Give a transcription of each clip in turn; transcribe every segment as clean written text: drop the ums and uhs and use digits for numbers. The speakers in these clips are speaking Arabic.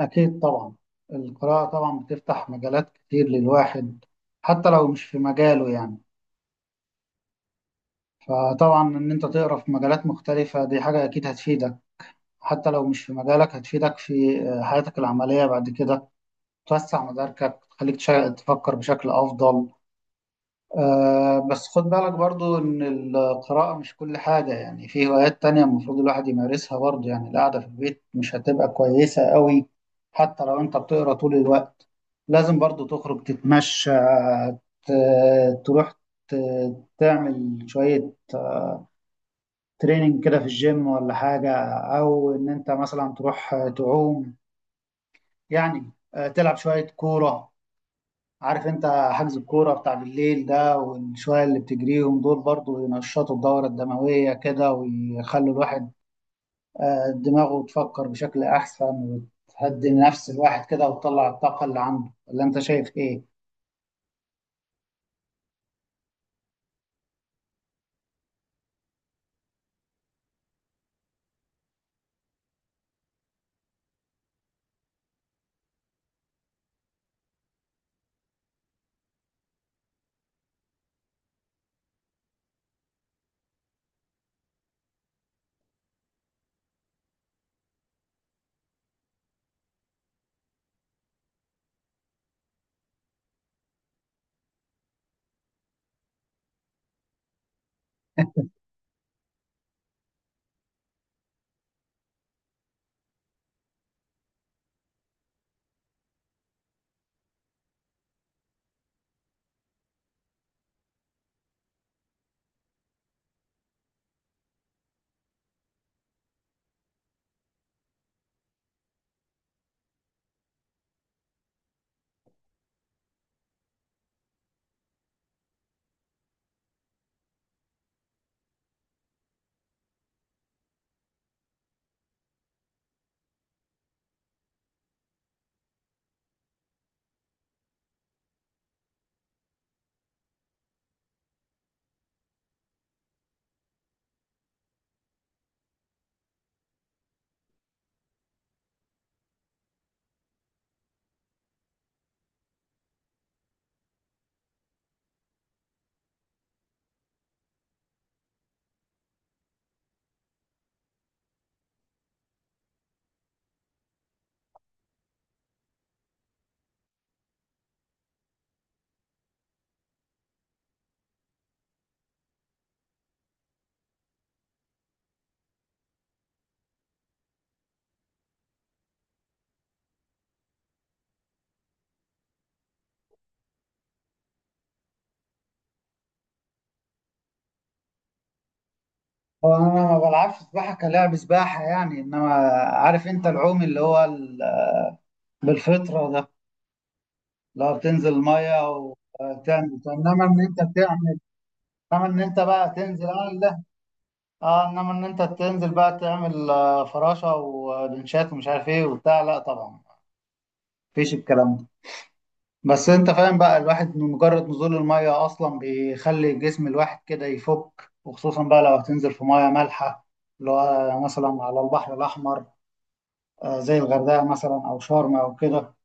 أكيد طبعا. القراءة طبعا بتفتح مجالات كتير للواحد، حتى لو مش في مجاله يعني. فطبعا إن أنت تقرأ في مجالات مختلفة دي حاجة أكيد هتفيدك، حتى لو مش في مجالك هتفيدك في حياتك العملية بعد كده. توسع مداركك، تخليك تفكر بشكل أفضل. آه، بس خد بالك برضو إن القراءة مش كل حاجة، يعني في هوايات تانية المفروض الواحد يمارسها برضو. يعني القعدة في البيت مش هتبقى كويسة قوي حتى لو أنت بتقرأ طول الوقت، لازم برضو تخرج تتمشى، ت- تروح، تعمل شوية تريننج كده في الجيم ولا حاجة، أو إن أنت مثلا تروح تعوم. يعني تلعب شوية كورة، عارف انت، حجز الكورة بتاع بالليل ده والشوية اللي بتجريهم دول برضو ينشطوا الدورة الدموية كده، ويخلوا الواحد دماغه تفكر بشكل أحسن، وتهدي نفس الواحد كده وتطلع الطاقة اللي عنده. ولا انت شايف ايه؟ هو انا ما بلعبش سباحة كلاعب سباحة يعني، انما عارف انت، العوم اللي هو بالفطرة ده، لو بتنزل المية وتعمل، انما ان انت بتعمل، انما ان انت بقى تنزل. اه، انما ان انت تنزل بقى تعمل فراشة ولنشات ومش عارف ايه وبتاع. لا طبعا، مفيش الكلام ده. بس انت فاهم بقى، الواحد من مجرد نزول المية اصلا بيخلي جسم الواحد كده يفك، وخصوصا بقى لو هتنزل في مية مالحة اللي هو مثلا على البحر الاحمر، زي الغردقة مثلا او شرم او كده.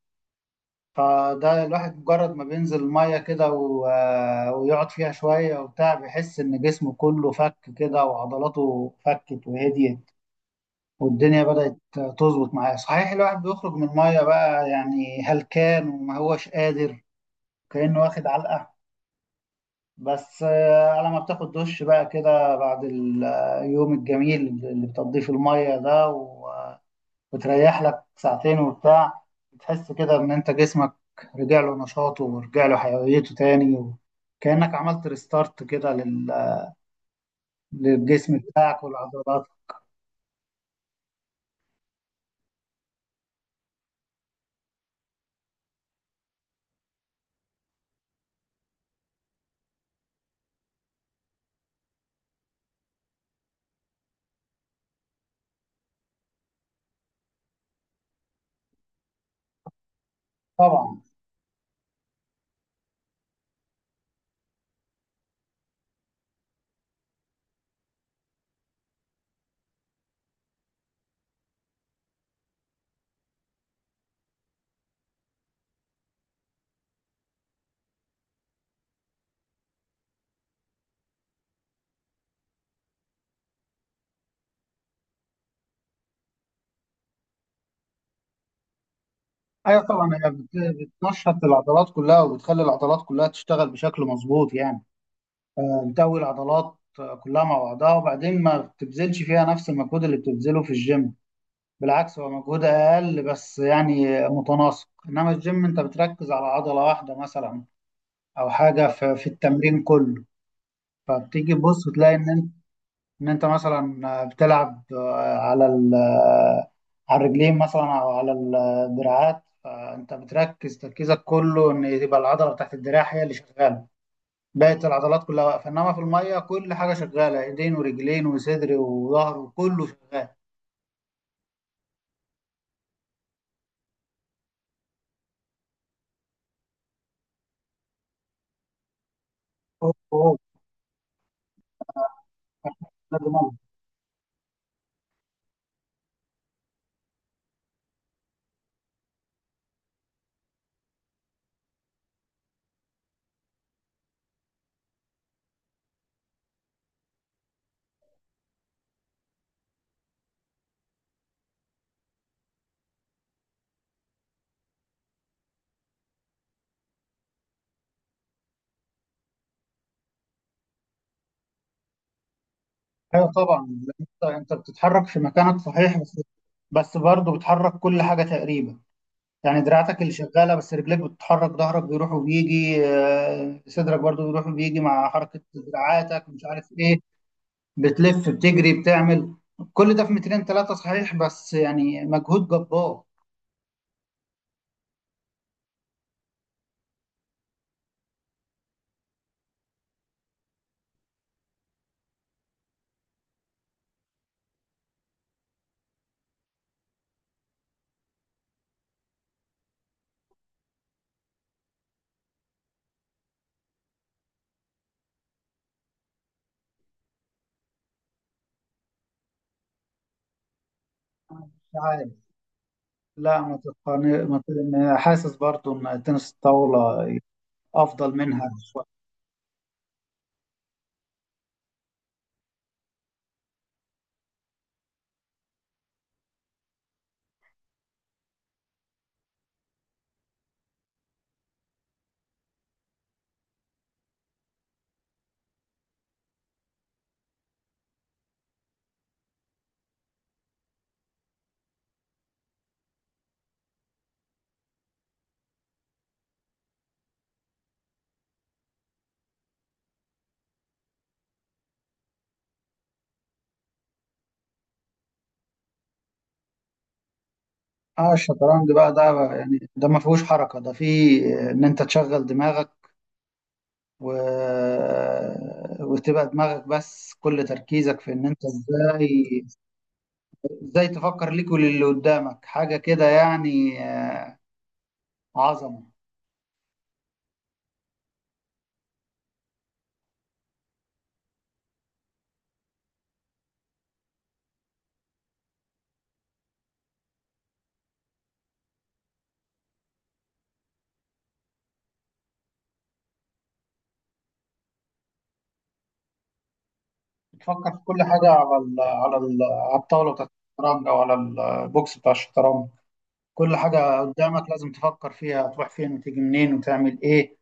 فده الواحد مجرد ما بينزل المية كده ويقعد فيها شوية وبتاع، بيحس ان جسمه كله فك كده وعضلاته فكت وهديت، والدنيا بدأت تظبط معايا. صحيح الواحد بيخرج من المية بقى يعني هلكان وما هوش قادر، كأنه واخد علقة، بس على ما بتاخد دش بقى كده بعد اليوم الجميل اللي بتقضيه في المية ده وتريح لك ساعتين وبتاع، بتحس كده إن أنت جسمك رجع له نشاطه ورجع له حيويته تاني، وكأنك عملت ريستارت كده للجسم بتاعك والعضلات. طبعا. ايوه طبعا، هي بتنشط العضلات كلها وبتخلي العضلات كلها تشتغل بشكل مظبوط يعني. بتقوي العضلات كلها مع بعضها، وبعدين ما بتبذلش فيها نفس المجهود اللي بتبذله في الجيم، بالعكس هو مجهود اقل بس يعني متناسق. انما الجيم انت بتركز على عضلة واحدة مثلا، او حاجة في التمرين كله. فبتيجي تبص تلاقي ان انت مثلا بتلعب آه، على ال- آه، على الرجلين مثلا او على الدراعات، فانت بتركز تركيزك كله ان تبقى العضله بتاعت الدراع هي اللي شغاله، بقيه العضلات كلها واقفه. انما في الميه كل حاجه شغاله، ايدين ورجلين وصدر وظهر وكله شغال. هو ده دماغك. ايوه طبعا، لأن انت بتتحرك في مكانك صحيح، بس برضه بتحرك كل حاجه تقريبا، يعني دراعتك اللي شغاله بس، رجليك بتتحرك، ظهرك بيروح وبيجي، صدرك برضو بيروح وبيجي مع حركه دراعاتك مش عارف ايه، بتلف بتجري بتعمل كل ده في مترين ثلاثه صحيح، بس يعني مجهود جبار. مش عارف، لا، ما تقني، ما حاسس برضو ان تنس الطاوله افضل منها شويه. اه الشطرنج بقى ده، يعني ده ما فيهوش حركه، ده فيه ان انت تشغل دماغك و... وتبقى دماغك بس، كل تركيزك في ان انت ازاي، ازاي تفكر ليك وللي قدامك حاجة كده يعني عظمة. تفكر في كل حاجة على الطاولة بتاعت الشطرنج، او على البوكس بتاع الشطرنج. كل حاجة قدامك لازم تفكر فيها، تروح فين وتيجي منين وتعمل ايه،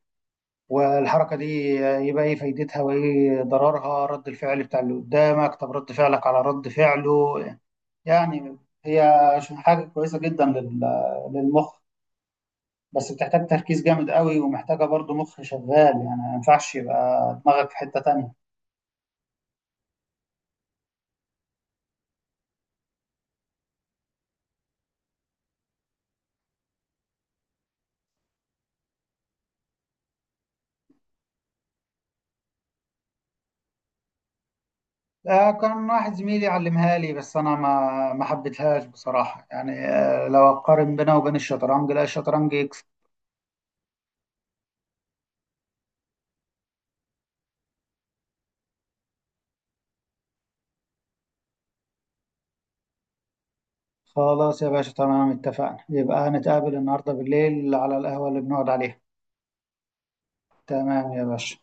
والحركة دي يبقى ايه فايدتها وايه ضررها، رد الفعل بتاع اللي قدامك، طب رد فعلك على رد فعله. يعني هي حاجة كويسة جدا للمخ، بس بتحتاج تركيز جامد قوي، ومحتاجة برضو مخ شغال يعني، ما ينفعش يبقى دماغك في حتة تانية. كان واحد زميلي علمها لي، بس أنا ما حبيتهاش بصراحة، يعني لو أقارن بينها وبين الشطرنج، لا الشطرنج يكسب. خلاص يا باشا، تمام اتفقنا، يبقى هنتقابل النهاردة بالليل على القهوة اللي بنقعد عليها. تمام يا باشا.